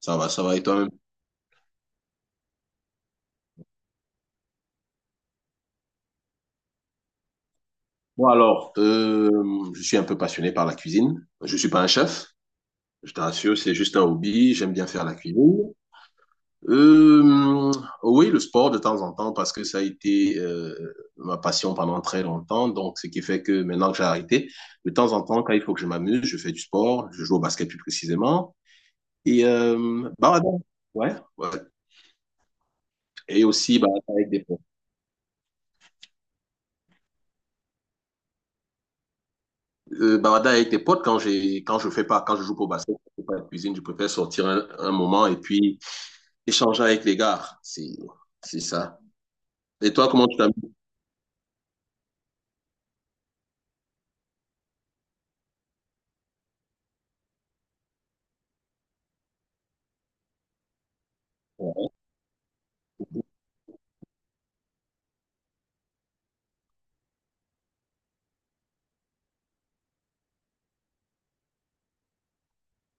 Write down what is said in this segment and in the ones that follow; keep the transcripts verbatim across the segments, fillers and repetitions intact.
Ça va, ça va. Et toi-même? Bon, alors, euh, je suis un peu passionné par la cuisine. Je ne suis pas un chef, je te rassure, c'est juste un hobby. J'aime bien faire la cuisine. Euh, oui, le sport de temps en temps, parce que ça a été euh, ma passion pendant très longtemps. Donc, ce qui fait que maintenant que j'ai arrêté, de temps en temps, quand il faut que je m'amuse, je fais du sport. Je joue au basket plus précisément. Et euh, bah, ouais. Ouais. Et aussi, bah, avec des euh, bavardage avec tes potes, quand j'ai quand je fais pas quand je joue pour basket, je fais pas la cuisine, je préfère sortir un, un moment et puis échanger avec les gars. C'est c'est ça. Et toi, comment tu t'amuses?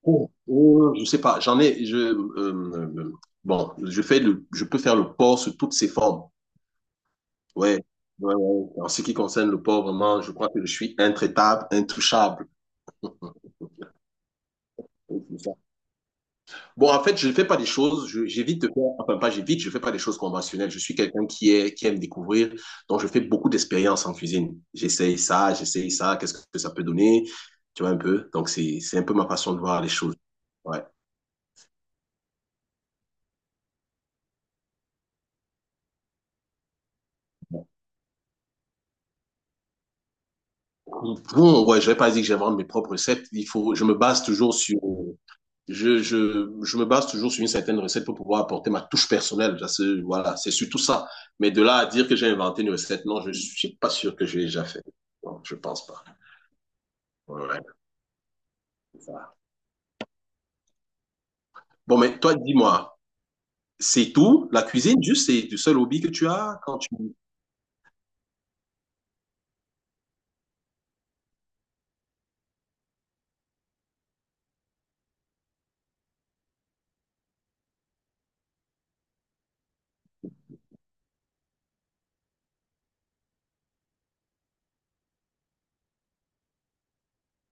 Oh, oh, je sais pas. J'en ai. Je euh, euh, bon, je fais le, je peux faire le port sous toutes ses formes. Ouais. Ouais, ouais. En ce qui concerne le port, vraiment, je crois que je suis intraitable, intouchable. Bon, en fait, je ne fais pas des choses, je- j'évite de faire, enfin pas j'évite, je ne fais pas des choses conventionnelles. Je suis quelqu'un qui est, qui aime découvrir, donc je fais beaucoup d'expériences en cuisine. J'essaye ça, j'essaye ça, qu'est-ce que ça peut donner, tu vois un peu. Donc c'est, c'est un peu ma façon de voir les choses. Ouais. Bon, ouais, je vais pas dire que j'invente mes propres recettes. Il faut, je me base toujours sur, je, je, je me base toujours sur une certaine recette pour pouvoir apporter ma touche personnelle. Ça, c'est- voilà, c'est surtout ça. Mais de là à dire que j'ai inventé une recette, non, je suis pas sûr que je l'ai déjà fait. Non, je pense pas. Ouais, c'est ça. Bon, mais toi, dis-moi, c'est tout? La cuisine, juste, c'est le seul hobby que tu as quand tu...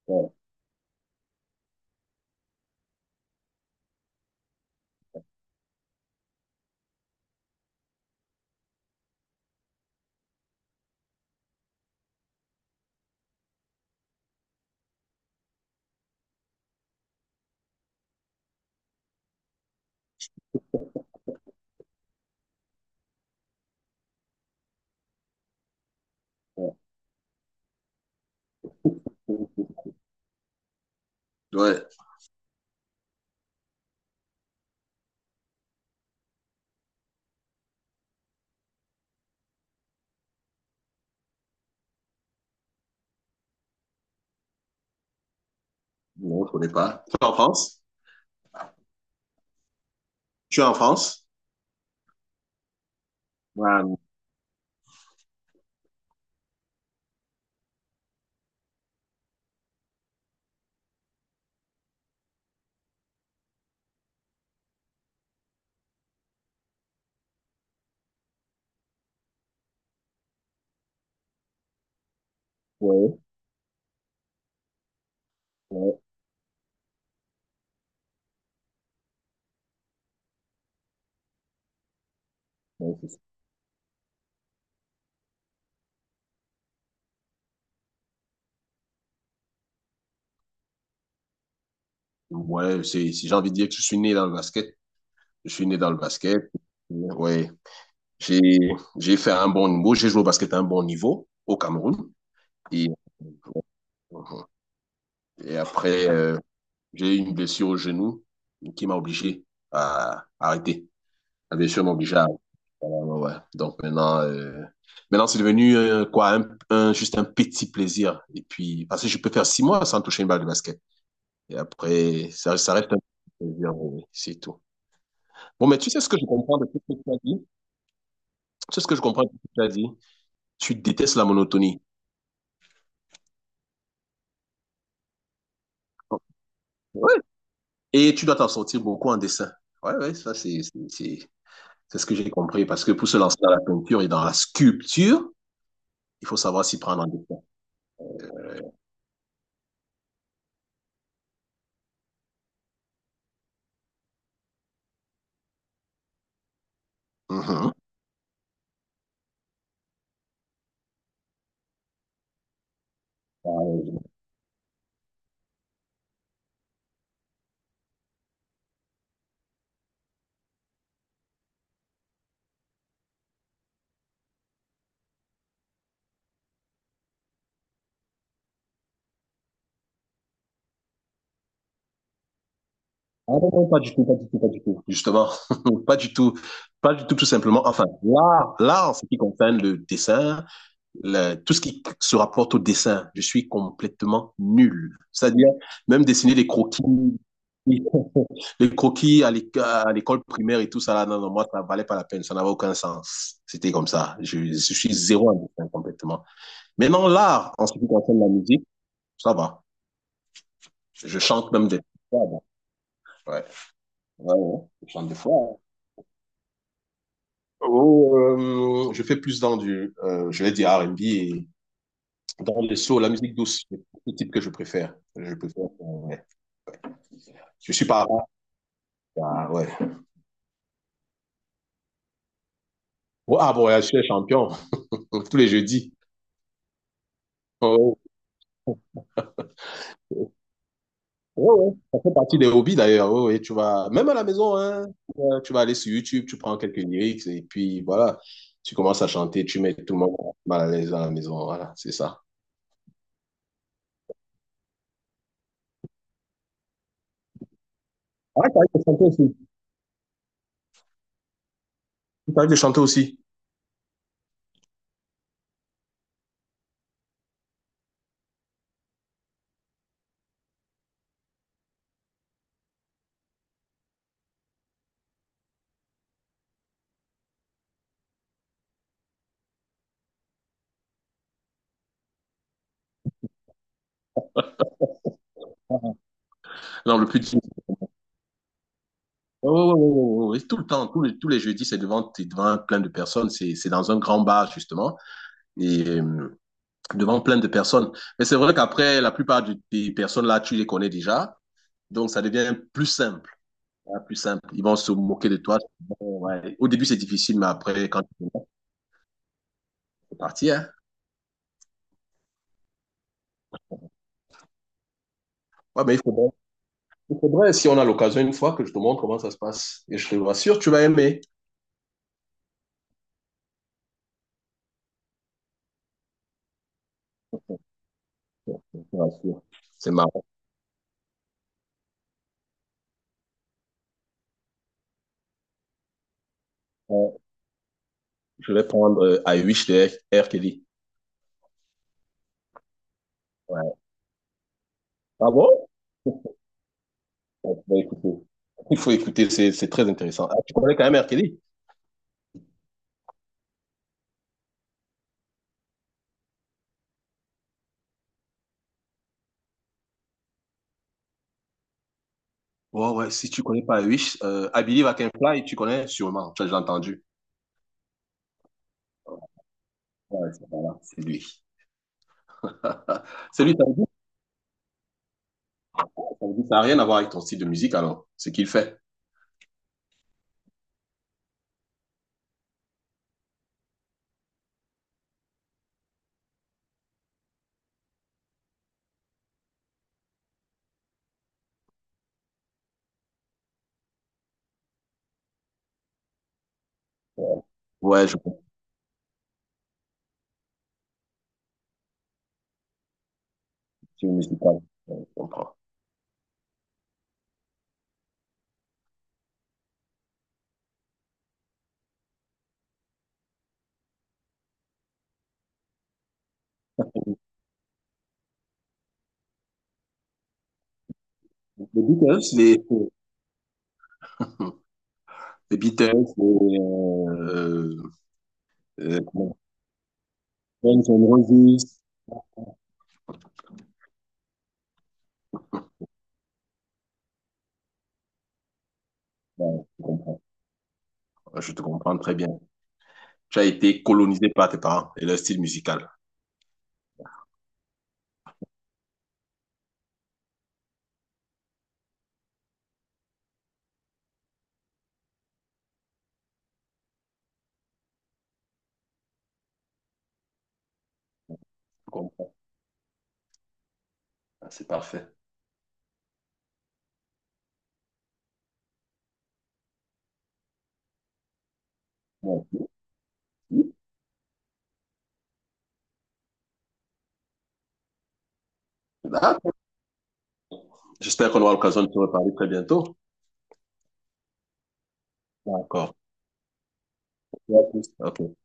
Ouais, ouais. Non, je connais pas. Tu es en France? Tu es en France? Ouais, ouais, ouais, ouais, c'est ça. Ouais, c'est, si j'ai envie de dire que je suis né dans le basket, je suis né dans le basket. Ouais, j'ai, j'ai fait un bon niveau, j'ai joué au basket à un bon niveau au Cameroun. Et, et après, euh, j'ai eu une blessure au genou qui m'a obligé à arrêter. La blessure m'obligea à... Ouais, ouais, ouais. Donc maintenant, euh, maintenant c'est devenu euh, quoi, un, un- juste un petit plaisir. Et puis, parce que je peux faire six mois sans toucher une balle de basket. Et après, ça, ça reste un petit plaisir, oui, oui, c'est tout. Bon, mais tu sais ce que je comprends de tout ce que tu as dit? Tu sais ce que je comprends de tout ce que tu as dit? Tu détestes la monotonie. Ouais. Et tu dois t'en sortir beaucoup en dessin. Ouais, ouais, ça, c'est, c'est, c'est c'est ce que j'ai compris. Parce que pour se lancer dans la peinture et dans la sculpture, il faut savoir s'y prendre en dessin. Mhm. Ah non, non, pas du tout, pas du tout, pas du tout. Justement, pas du tout, pas du tout, tout simplement. Enfin, l'art, l'art, en ce qui concerne le dessin, le- tout ce qui se rapporte au dessin, je suis complètement nul. C'est-à-dire, même dessiner les croquis, les croquis à l'éc- à l'école primaire et tout ça, là, non, non, moi, ça valait pas la peine, ça n'avait aucun sens. C'était comme ça. Je, je suis zéro en dessin complètement. Maintenant, l'art, en ce qui concerne la musique, ça va. Je chante même des fois, bon. Ouais, ouais, ouais, je chante des fois, hein. Oh, euh, je fais plus dans du, euh, je vais dire R and B et dans les soul, la musique douce, c'est le type que je préfère. Je préfère, euh, ouais. Je suis pas rap, ah, ouais. Oh, ah bon, ouais, je suis champion tous les jeudis. Oh, ouais, ouais. Ça fait partie des hobbies d'ailleurs. Ouais, ouais, tu vas même à la maison, hein, euh, tu vas aller sur YouTube, tu prends quelques lyrics et puis voilà, tu commences à chanter, tu mets tout le monde mal à l'aise à la maison. Voilà, c'est ça. Ah, t'arrives de chanter aussi. T'arrives de chanter aussi. Non, le plus Ouais, ouais, ouais, oui, tout le temps, tous les, tous les jeudis, c'est devant, t'es devant plein de personnes, c'est, c'est dans un grand bar, justement, et euh, devant plein de personnes. Mais c'est vrai qu'après, la plupart du- des personnes là, tu les connais déjà, donc ça devient plus simple, hein, plus simple. Ils vont se moquer de toi. Bon, ouais. Au début, c'est difficile, mais après, quand tu viens, c'est parti, hein. Ouais, mais il faudrait, il faudrait, si on a l'occasion une fois, que je te montre comment ça se passe, et je te rassure, tu vas aimer. Ouais, ouais, je te rassure. C'est marrant. Je vais prendre euh, I Wish de R. R. Kelly. Ouais. Ah bon? Ouais, faut écouter. Il faut écouter, c'est c'est très intéressant. Ah, tu connais quand même R. Kelly? Ouais, ouais, si tu connais pas Wish, euh, I Believe I Can Fly, tu connais sûrement, tu as déjà entendu. Ouais, c'est voilà, c'est lui. C'est lui, ça veut dire, ça veut dire- ça n'a rien à voir avec ton style de musique alors, ce qu'il fait. Ouais, ouais, je comprends. C'est musical. Ouais, je comprends. Les Beatles, les, les Beatles, les, euh, Euh, Guns N' Roses. Ouais, je comprends. Ouais, je te comprends très bien. Tu as été colonisé par tes parents et leur style musical. Je comprends. Ah, c'est parfait. Bon. D'accord. J'espère qu'on aura l'occasion de te reparler très bientôt. D'accord. Ok.